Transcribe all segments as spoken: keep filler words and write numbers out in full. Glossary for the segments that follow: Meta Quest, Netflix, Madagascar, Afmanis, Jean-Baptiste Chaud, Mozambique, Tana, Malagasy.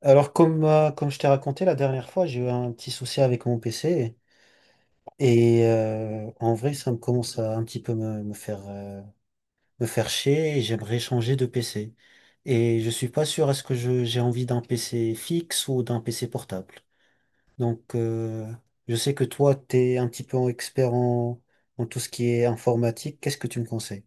Alors, comme, euh, comme je t'ai raconté la dernière fois, j'ai eu un petit souci avec mon P C. Et euh, en vrai, ça me commence à un petit peu me, me faire, euh, me faire chier, et j'aimerais changer de P C. Et je suis pas sûr, est-ce que je, j'ai envie d'un P C fixe ou d'un P C portable? Donc, euh, je sais que toi, t'es un petit peu expert en, en tout ce qui est informatique. Qu'est-ce que tu me conseilles?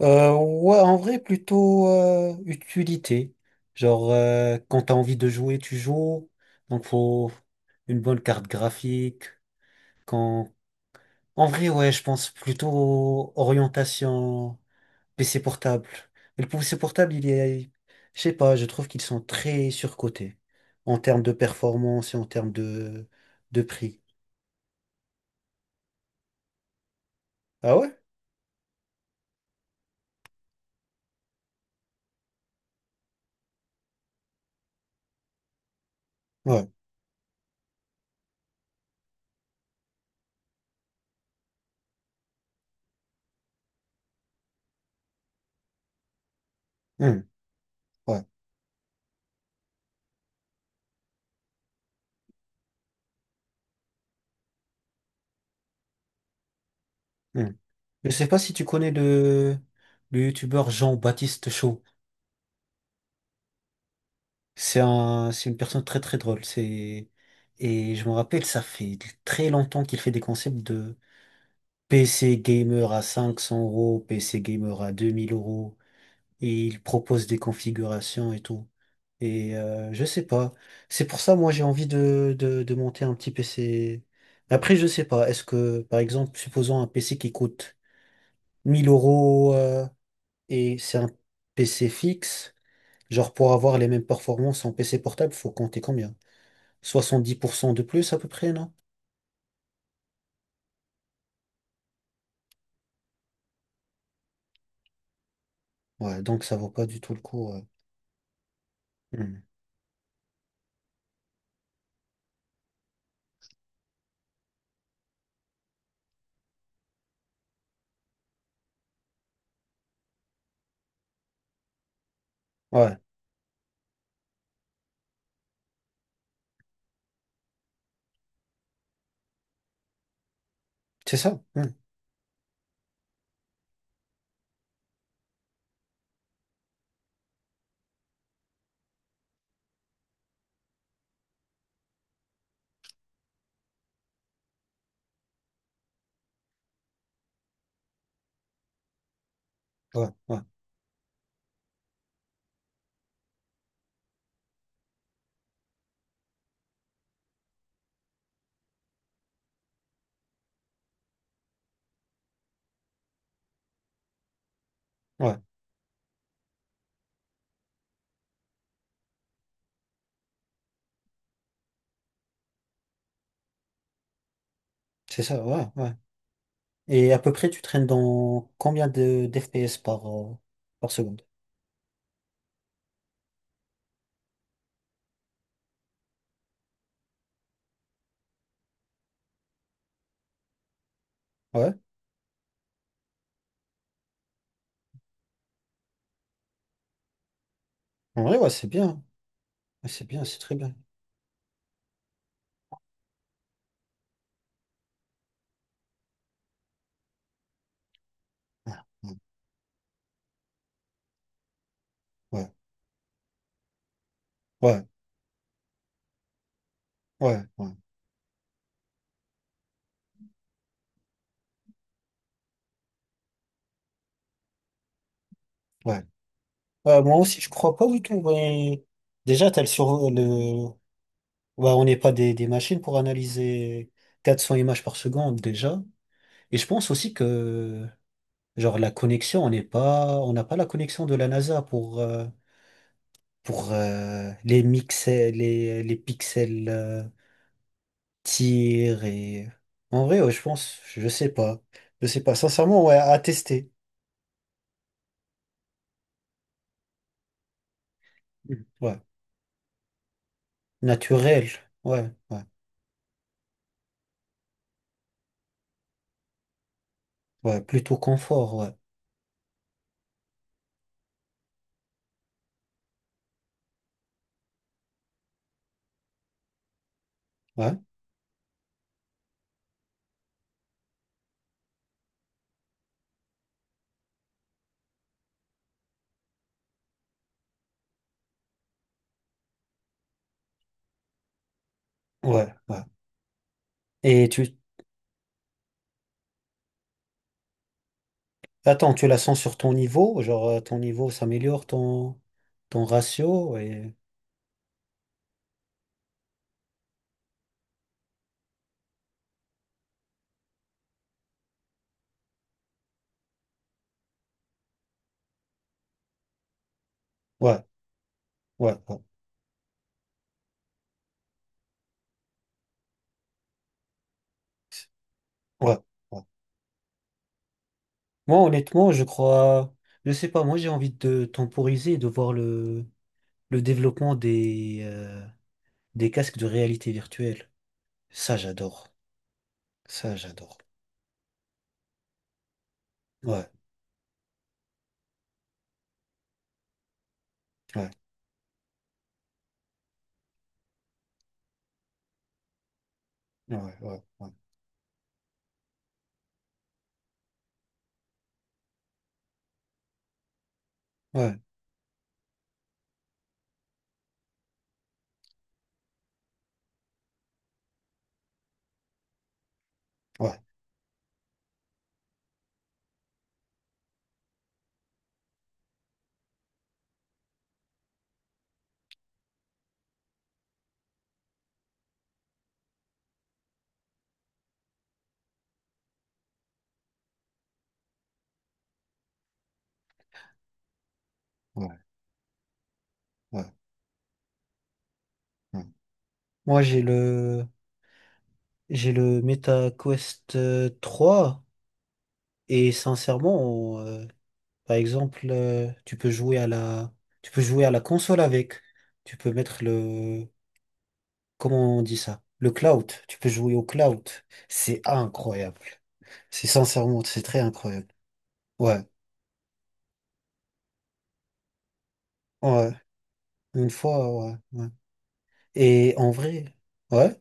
Euh, ouais, en vrai, plutôt euh, utilité. Genre, euh, quand t'as envie de jouer, tu joues. Donc, faut une bonne carte graphique. Quand... En vrai, ouais, je pense plutôt orientation P C portable. Et le P C portable, il est... Je sais pas, je trouve qu'ils sont très surcotés en termes de performance et en termes de, de prix. Ah ouais? Ouais. Hmm, ouais. Hmm. Je sais pas si tu connais le, le youtubeur Jean-Baptiste Chaud. C'est un, c'est une personne très très drôle. C'est, et je me rappelle, ça fait très longtemps qu'il fait des concepts de P C gamer à cinq cents euros, P C gamer à deux mille euros, et il propose des configurations et tout. Et euh, je sais pas. C'est pour ça, moi, j'ai envie de, de, de monter un petit P C. Après, je sais pas. Est-ce que, par exemple, supposons un P C qui coûte mille euros, euh, et c'est un P C fixe, genre pour avoir les mêmes performances en P C portable, faut compter combien? Soixante-dix pour cent de plus à peu près, non? Ouais, donc ça vaut pas du tout le coup. Ouais. Hmm. Ouais, c'est ça. Hmm. Ouais, ouais, ouais, c'est ça. Ouais, ouais. Et à peu près, tu traînes dans combien de d'F P S par, euh, par seconde? Ouais, en vrai, ouais, c'est bien, hein. Ouais, c'est bien, c'est très bien. Ouais, ouais, ouais, ouais, ouais, ouais. Ouais. Euh, moi aussi, je crois pas du tout. Ouais. Déjà, t'as le sur le. Ouais, on n'est pas des, des machines pour analyser quatre cents images par seconde déjà. Et je pense aussi que genre la connexion, on n'est pas, on n'a pas la connexion de la NASA pour, euh, pour euh, les mixels, les, les pixels, euh, tir et. En vrai, ouais, je pense, je sais pas. Je sais pas. Sincèrement, ouais, à tester. Mm. Ouais. Naturel. Ouais, ouais. Ouais, plutôt confort, ouais. Ouais, ouais, ouais. Et tu. Attends, tu la sens sur ton niveau? Genre, euh, ton niveau s'améliore, ton, ton ratio et. Ouais, ouais, ouais. Ouais. Ouais. Moi, honnêtement, je crois, je sais pas, moi j'ai envie de temporiser et de voir le, le développement des, euh, des casques de réalité virtuelle. Ça, j'adore. Ça, j'adore. Ouais, ouais, ouais, ouais, ouais, ouais, ouais, ouais, ouais, ouais. Moi, j'ai le, j'ai le Meta Quest euh, trois, et sincèrement, euh, par exemple, euh, tu peux jouer à la, tu peux jouer à la console avec. Tu peux mettre le, comment on dit ça? Le cloud. Tu peux jouer au cloud. C'est incroyable. C'est sincèrement, c'est très incroyable. Ouais, ouais. Une fois, ouais, ouais. Et en vrai, ouais.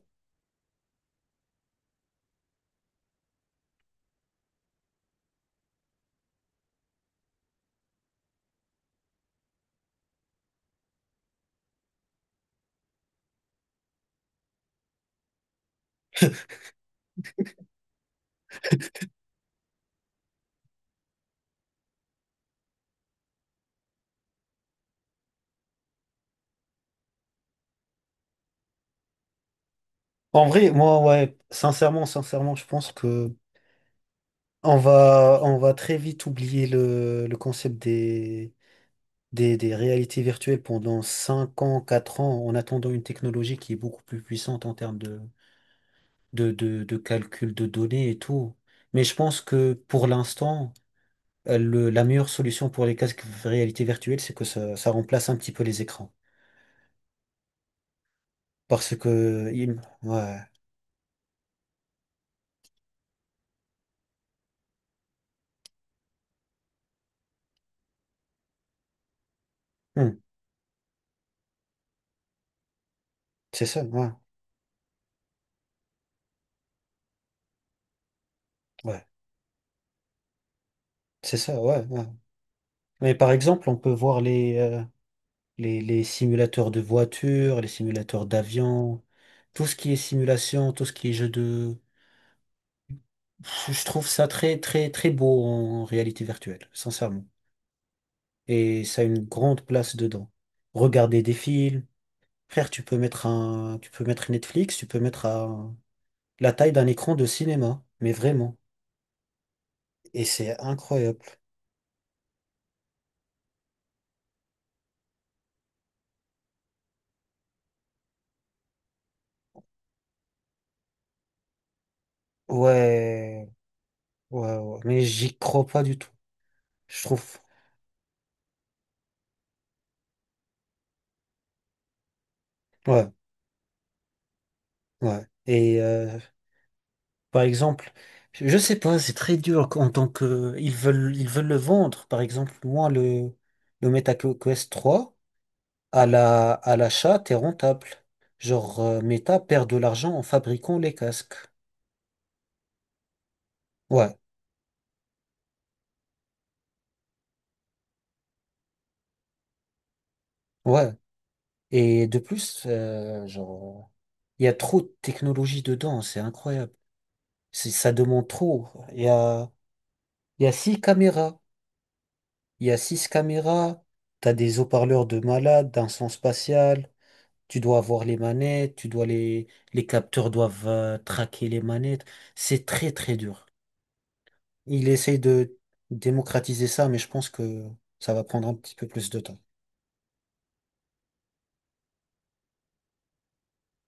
En vrai, moi, ouais, sincèrement, sincèrement, je pense que On va, on va très vite oublier le, le concept des, des, des réalités virtuelles pendant cinq ans, quatre ans, en attendant une technologie qui est beaucoup plus puissante en termes de, de, de, de calcul de données et tout. Mais je pense que pour l'instant, euh, le- la meilleure solution pour les casques de réalité virtuelle, c'est que ça, ça remplace un petit peu les écrans. Parce que, il- ouais. Hmm. C'est ça, ouais, ouais, c'est ça, ouais, ouais. Mais par exemple, on peut voir les, euh, les, les simulateurs de voitures, les simulateurs d'avions, tout ce qui est simulation, tout ce qui est jeu de... Je trouve ça très, très, très beau en réalité virtuelle, sincèrement. Et ça a une grande place dedans. Regarder des films. Frère, tu peux mettre un, tu peux mettre Netflix, tu peux mettre un- la taille d'un écran de cinéma. Mais vraiment. Et c'est incroyable. Ouais, ouais, ouais. Mais j'y crois pas du tout. Je trouve. Ouais, ouais. Et, euh, par exemple, je sais pas, c'est très dur en tant que ils veulent ils veulent le vendre. Par exemple, moi le le MetaQuest trois, à la à l'achat, t'es rentable. Genre euh, Meta perd de l'argent en fabriquant les casques. Ouais, ouais. Et de plus, euh, genre il y a trop de technologie dedans, c'est incroyable. C'est- ça demande trop. Il y a il y a six caméras, il y a six caméras. T'as des haut-parleurs de malade, d'un son spatial. Tu dois avoir les manettes, tu dois les, les capteurs doivent euh, traquer les manettes. C'est très, très dur. Il essaye de démocratiser ça, mais je pense que ça va prendre un petit peu plus de temps.